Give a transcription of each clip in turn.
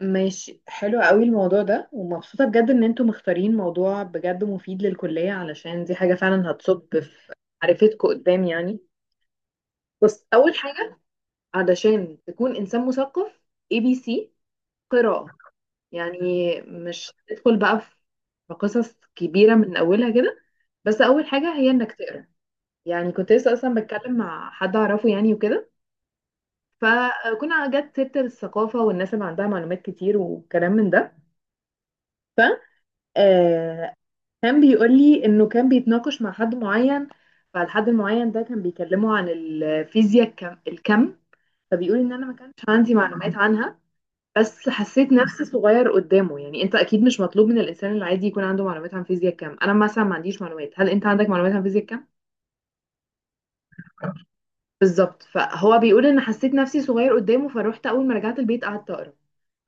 ماشي حلو قوي الموضوع ده، ومبسوطة بجد ان انتوا مختارين موضوع بجد مفيد للكلية، علشان دي حاجة فعلا هتصب في معرفتكوا قدام يعني. بص، اول حاجة علشان تكون انسان مثقف، اي بي سي، قراءة. يعني مش تدخل بقى في قصص كبيرة من اولها كده، بس اول حاجة هي انك تقرا. يعني كنت لسه اصلا بتكلم مع حد اعرفه يعني وكده، فكنا جت سيرة الثقافة والناس اللي عندها معلومات كتير وكلام من ده. ف آه، كان بيقول لي انه كان بيتناقش مع حد معين، فالحد المعين ده كان بيكلمه عن الفيزياء الكم. فبيقول ان انا ما كانش عندي معلومات عنها، بس حسيت نفسي صغير قدامه. يعني انت اكيد مش مطلوب من الانسان العادي يكون عنده معلومات عن فيزياء الكم، انا مثلا ما عنديش معلومات. هل انت عندك معلومات عن فيزياء الكم؟ بالظبط، فهو بيقول ان حسيت نفسي صغير قدامه، فروحت اول ما رجعت البيت قعدت اقرا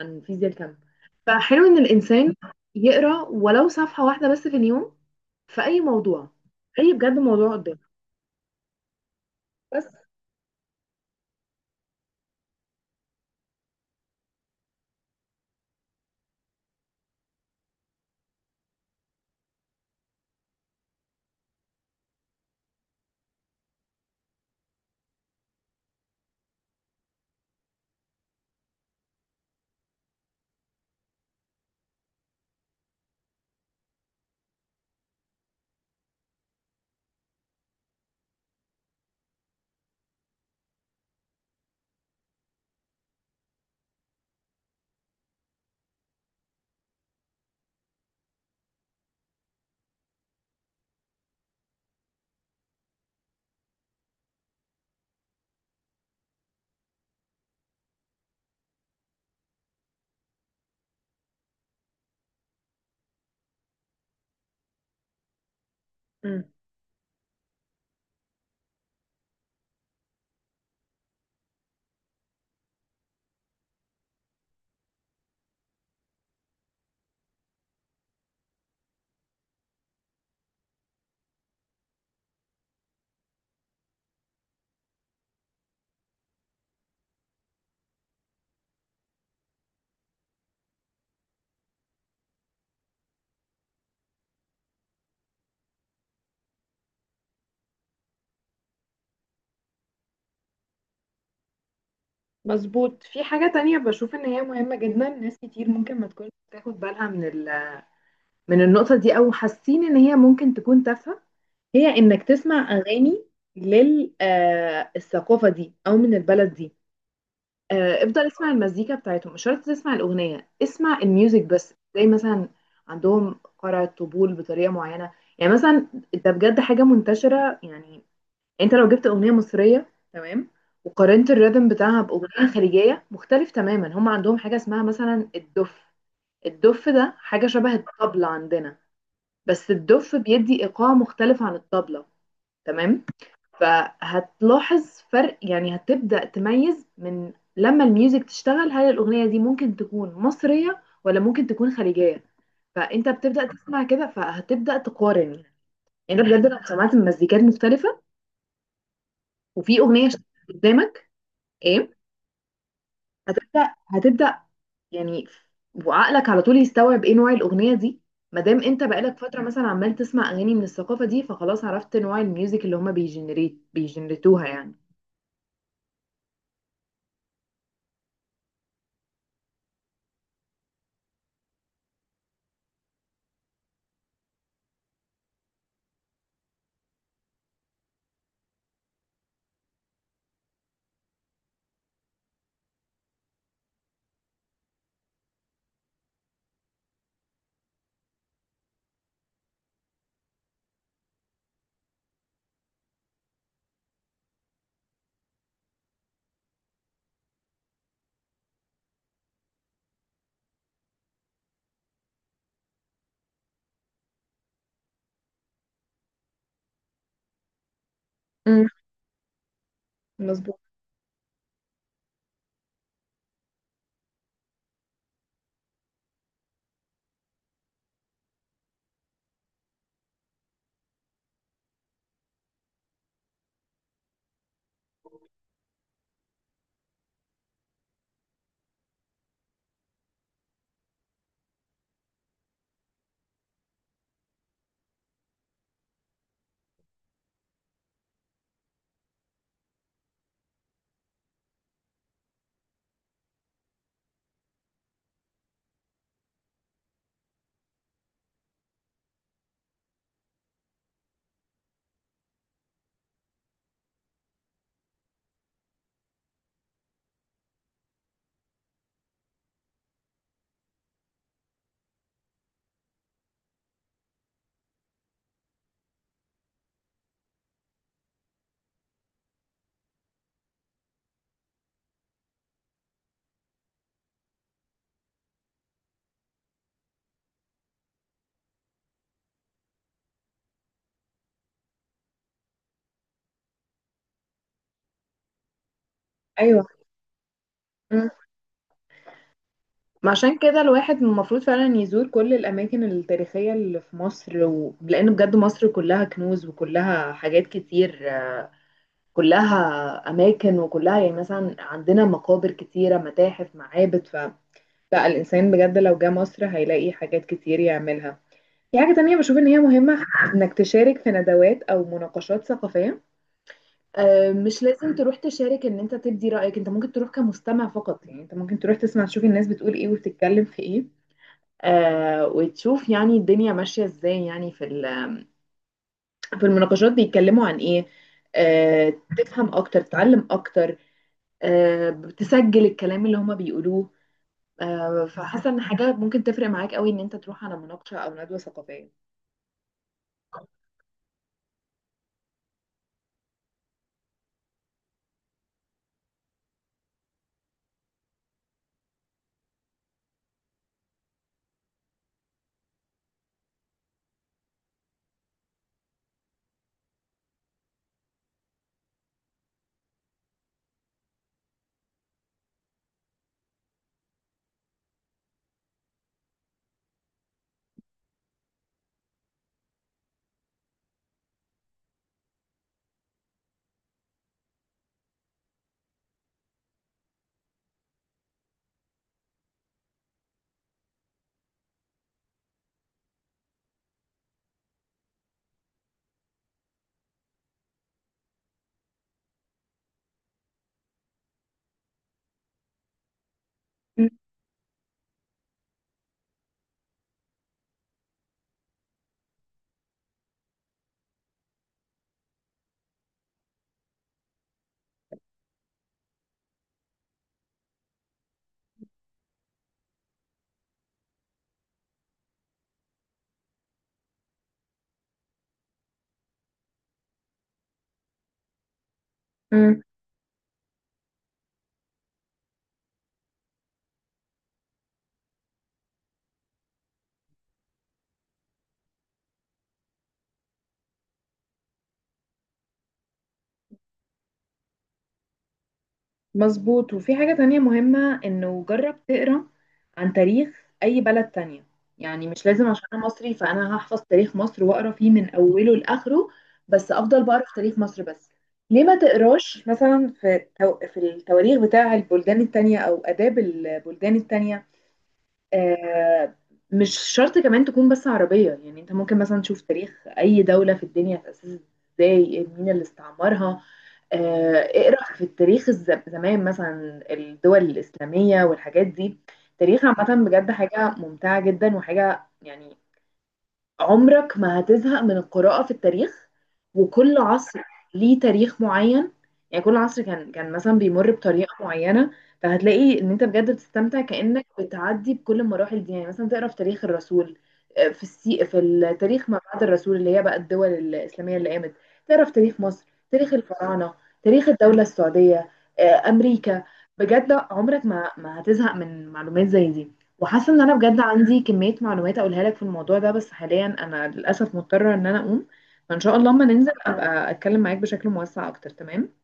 عن فيزياء الكم. فحلو ان الانسان يقرا ولو صفحة واحدة بس في اليوم، في اي موضوع، اي بجد موضوع قدامه. بس مم. مظبوط. في حاجة تانية بشوف ان هي مهمة جدا، ناس كتير ممكن ما تكونش بتاخد بالها من النقطة دي، او حاسين ان هي ممكن تكون تافهة. هي انك تسمع اغاني للثقافة دي او من البلد دي. افضل اسمع المزيكا بتاعتهم، مش شرط تسمع الاغنية، اسمع الميوزك بس، زي مثلا عندهم قرع الطبول بطريقة معينة. يعني مثلا ده بجد حاجة منتشرة يعني. انت لو جبت اغنيه مصريه تمام وقارنت الريتم بتاعها باغنيه خليجيه، مختلف تماما. هم عندهم حاجه اسمها مثلا الدف. الدف ده حاجه شبه الطبله عندنا، بس الدف بيدي ايقاع مختلف عن الطبله. تمام. فهتلاحظ فرق يعني، هتبدا تميز من لما الميوزك تشتغل هل الاغنيه دي ممكن تكون مصريه ولا ممكن تكون خليجيه. فانت بتبدا تسمع كده، فهتبدا تقارن يعني. انت بجد لو سمعت مزيكات مختلفه وفي اغنيه قدامك ايه، هتبدأ يعني. وعقلك على طول يستوعب ايه نوع الأغنية دي، ما دام انت بقالك فترة مثلا عمال تسمع أغاني من الثقافة دي، فخلاص عرفت نوع الميوزك اللي هما بيجنريتوها يعني. امم مظبوط. ايوه. امم ما عشان كده الواحد المفروض فعلا يزور كل الأماكن التاريخية اللي في مصر لأن بجد مصر كلها كنوز وكلها حاجات كتير، كلها أماكن، وكلها يعني مثلا عندنا مقابر كتيرة، متاحف، معابد. لا الإنسان بجد لو جه مصر هيلاقي حاجات كتير يعملها. في حاجة تانية بشوف إن هي مهمة، إنك تشارك في ندوات أو مناقشات ثقافية. مش لازم تروح تشارك إن أنت تبدي رأيك، أنت ممكن تروح كمستمع فقط. يعني أنت ممكن تروح تسمع، تشوف الناس بتقول إيه وبتتكلم في إيه. وتشوف يعني الدنيا ماشية إزاي، يعني في المناقشات بيتكلموا عن إيه. آه تفهم أكتر، تتعلم أكتر. بتسجل الكلام اللي هما بيقولوه. فحاسه ان حاجه ممكن تفرق معاك قوي ان انت تروح على مناقشه او ندوه ثقافيه. امم مظبوط. وفي حاجه تانية مهمه، انه جرب تقرا عن تاريخ اي بلد تانية. يعني مش لازم عشان انا مصري فانا هحفظ تاريخ مصر واقرا فيه من اوله لاخره بس، افضل بقرا في تاريخ مصر بس. ليه ما تقراش مثلا في التواريخ بتاع البلدان التانية او اداب البلدان التانية؟ آه، مش شرط كمان تكون بس عربية، يعني انت ممكن مثلا تشوف تاريخ اي دولة في الدنيا اتأسست ازاي، مين اللي استعمرها. اقرأ في التاريخ زمان، مثلا الدول الإسلامية والحاجات دي. التاريخ عامة بجد حاجة ممتعة جدا وحاجة يعني، عمرك ما هتزهق من القراءة في التاريخ. وكل عصر ليه تاريخ معين، يعني كل عصر كان مثلا بيمر بطريقة معينة. فهتلاقي ان انت بجد بتستمتع كأنك بتعدي بكل المراحل دي، يعني مثلا تقرا في تاريخ الرسول. في التاريخ ما بعد الرسول اللي هي بقى الدول الإسلامية اللي قامت. تقرا في تاريخ مصر، تاريخ الفراعنة، تاريخ الدولة السعودية، أمريكا. بجد عمرك ما هتزهق من معلومات زي دي. وحاسه ان انا بجد عندي كميه معلومات اقولها لك في الموضوع ده، بس حاليا انا للاسف مضطره ان انا اقوم. فان شاء الله اما ننزل ابقى اتكلم معاك بشكل موسع اكتر، تمام.